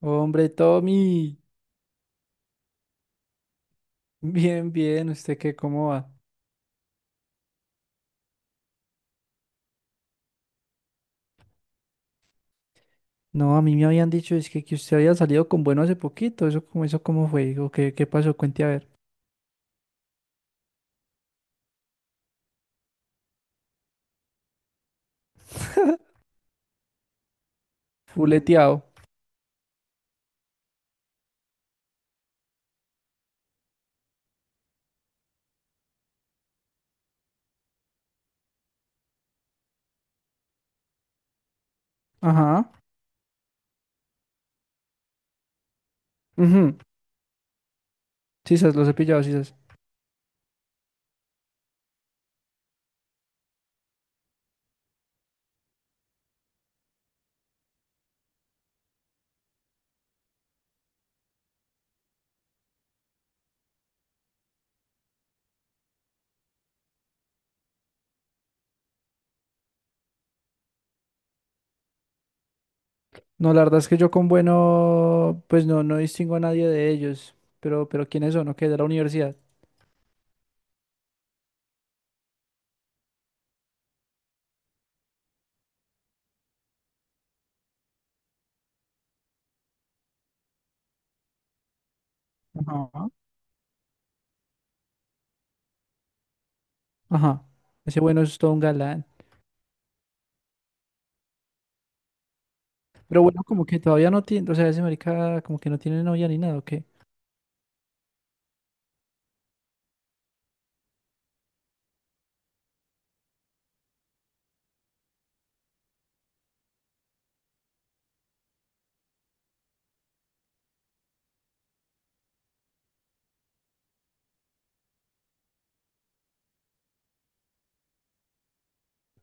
Hombre, Tommy, bien, bien, ¿usted qué, cómo va? No, a mí me habían dicho, que usted había salido con bueno hace poquito, eso, eso cómo fue, o qué, qué pasó, cuente a ver. Fuleteado. Ajá. Ujú. Sí, sas, los he pillado, sí, sas. No, la verdad es que yo con bueno, pues no, no distingo a nadie de ellos, pero ¿quiénes son? ¿O qué? De la universidad. Ajá. Ajá. Ese bueno es todo un galán. Pero bueno, como que todavía no tiene, o sea, ese marica como que no tiene novia ni nada, ¿o qué?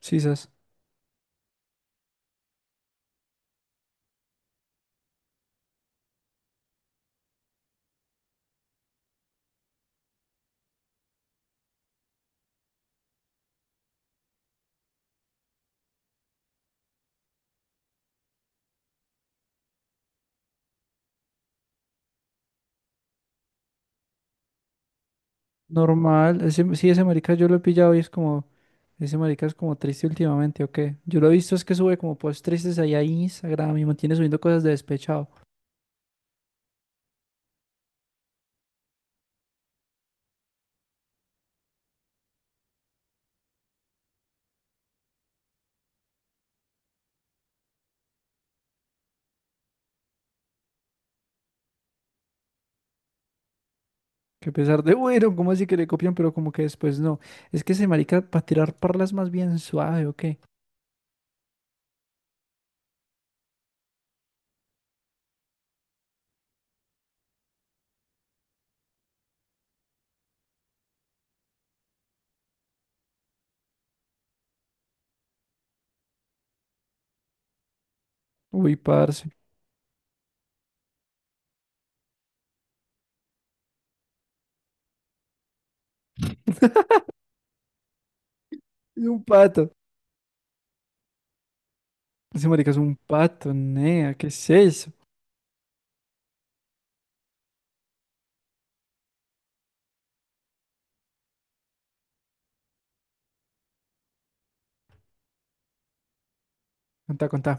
Sí, sas. Normal, ese marica yo lo he pillado y es como, ese marica es como triste últimamente, ¿o qué? Yo lo he visto es que sube como posts tristes ahí a Instagram y mantiene subiendo cosas de despechado. Que a pesar de, bueno, ¿cómo así que le copian? Pero como que después no. Es que ese marica para tirar parlas más bien suave, ¿o qué? Uy, parce. Es un pato. Ese marica es un pato, nea, ¿qué es eso? Contá, contá.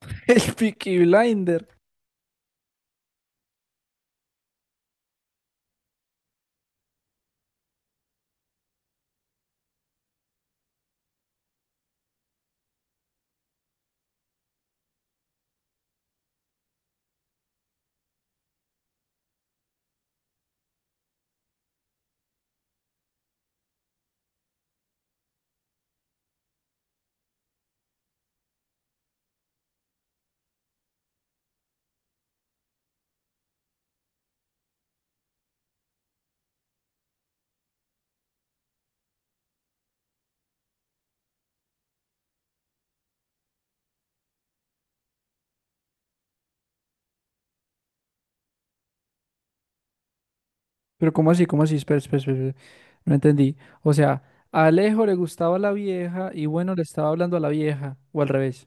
El Peaky Blinder. Pero ¿cómo así? ¿Cómo así? Espera, espera, espera, espera. No entendí. O sea, a Alejo le gustaba la vieja y bueno, le estaba hablando a la vieja, o al revés.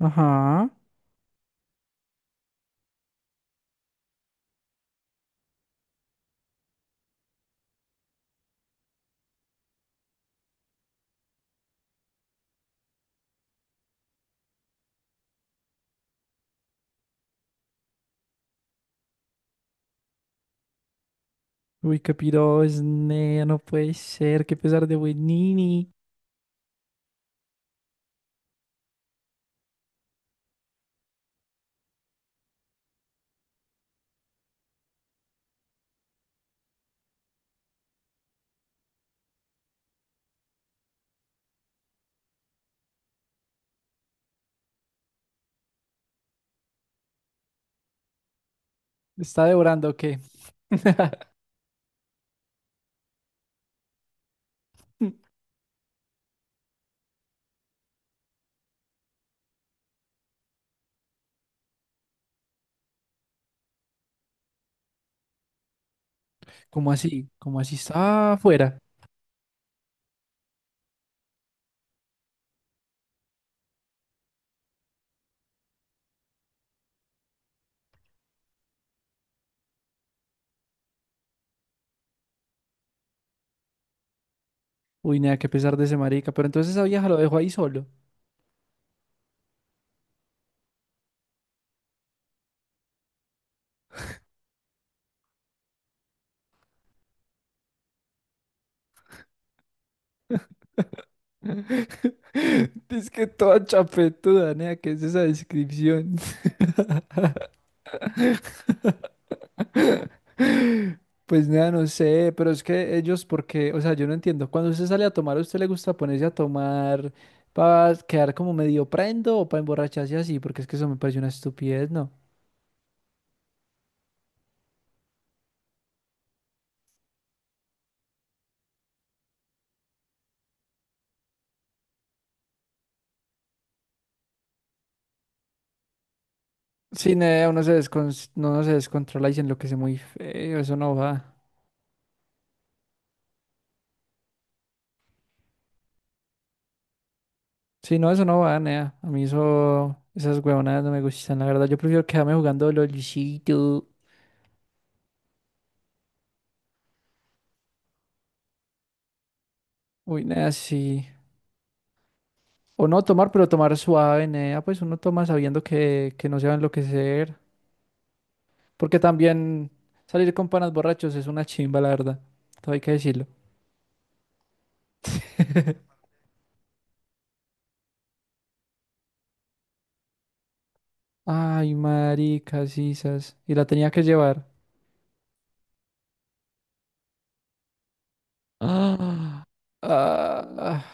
Ajá. Uy, qué piro es, nea, no puede ser, qué pesar de buenini. ¿Está devorando o qué? ¿Cómo así? ¿Cómo así está afuera? Uy, nea, qué pesar de ese marica. Pero entonces esa vieja lo dejó ahí solo. Es que toda chapetuda, nea, ¿qué es esa descripción? Pues nada, no sé, pero es que ellos, porque, o sea, yo no entiendo. Cuando usted sale a tomar, ¿a usted le gusta ponerse a tomar para quedar como medio prendo o para emborracharse así? Porque es que eso me parece una estupidez, ¿no? Sí, nea, no, uno se descontrola y se enloquece muy feo, eso no va. Sí, no, eso no va, nea. A mí eso, esas huevonadas no me gustan, la verdad. Yo prefiero quedarme jugando LOLcito. Uy, nea, sí. O no tomar, pero tomar suave, nea. Pues uno toma sabiendo que no se va a enloquecer. Porque también salir con panas borrachos es una chimba, la verdad. Todo hay que decirlo. Ay, maricas, sisas. Y la tenía que llevar. ¡Ah! Ah,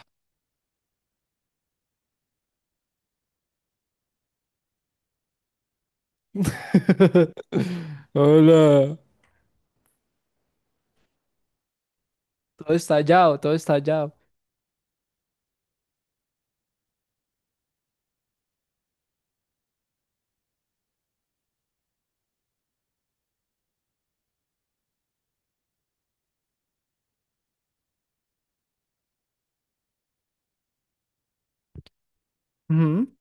Hola. Todo estallado, todo estallado. Ujú.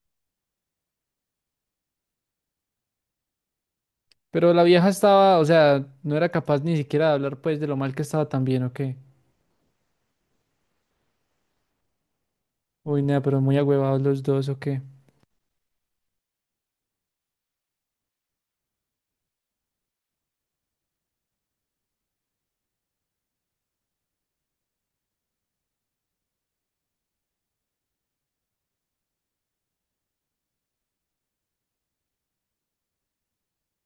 Pero la vieja estaba, o sea, no era capaz ni siquiera de hablar, pues, de lo mal que estaba también, ¿o qué? Uy, nea, pero muy agüevados los dos, ¿o qué?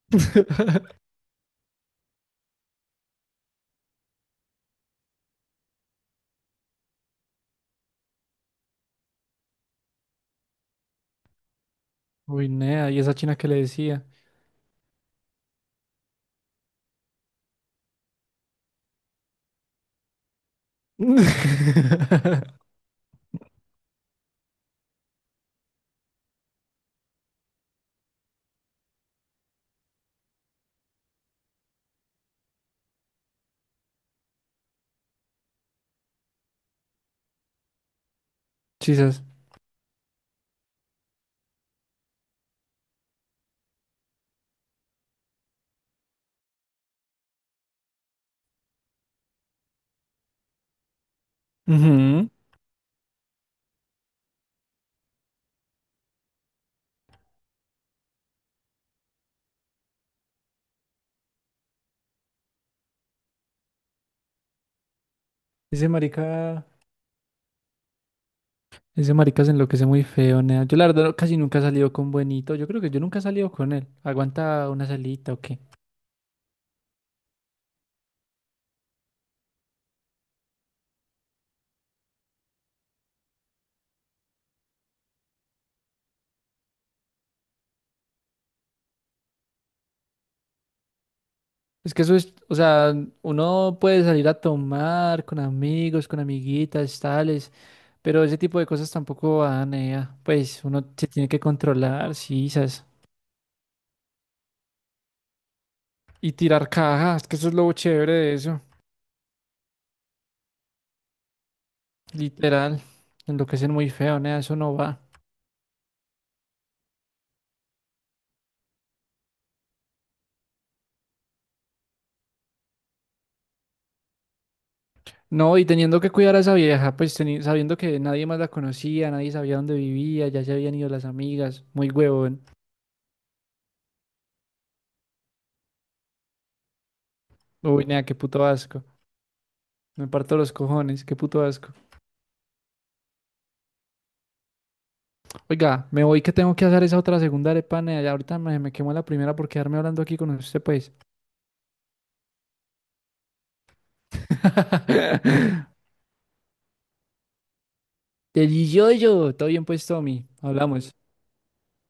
Uy, nea, y esa china que le decía. Chisas. Ese marica, ese marica se enloquece muy feo, nea. Yo la verdad no- casi nunca he salido con Buenito. Yo creo que yo nunca he salido con él. Aguanta una salita o qué. Es que eso es, o sea, uno puede salir a tomar con amigos, con amiguitas, tales, pero ese tipo de cosas tampoco van, nea. Pues uno se tiene que controlar, sisas. Y tirar cajas, que eso es lo chévere de eso. Literal. Enloquecen muy feo, nea, eso no va. No, y teniendo que cuidar a esa vieja, sabiendo que nadie más la conocía, nadie sabía dónde vivía, ya se habían ido las amigas, muy huevón. Uy, nea, qué puto asco. Me parto los cojones, qué puto asco. Oiga, me voy que tengo que hacer esa otra segunda arepa, nea, ya ahorita me quemó la primera por quedarme hablando aquí con usted, pues. Delicioso, todo bien pues, Tommy, hablamos.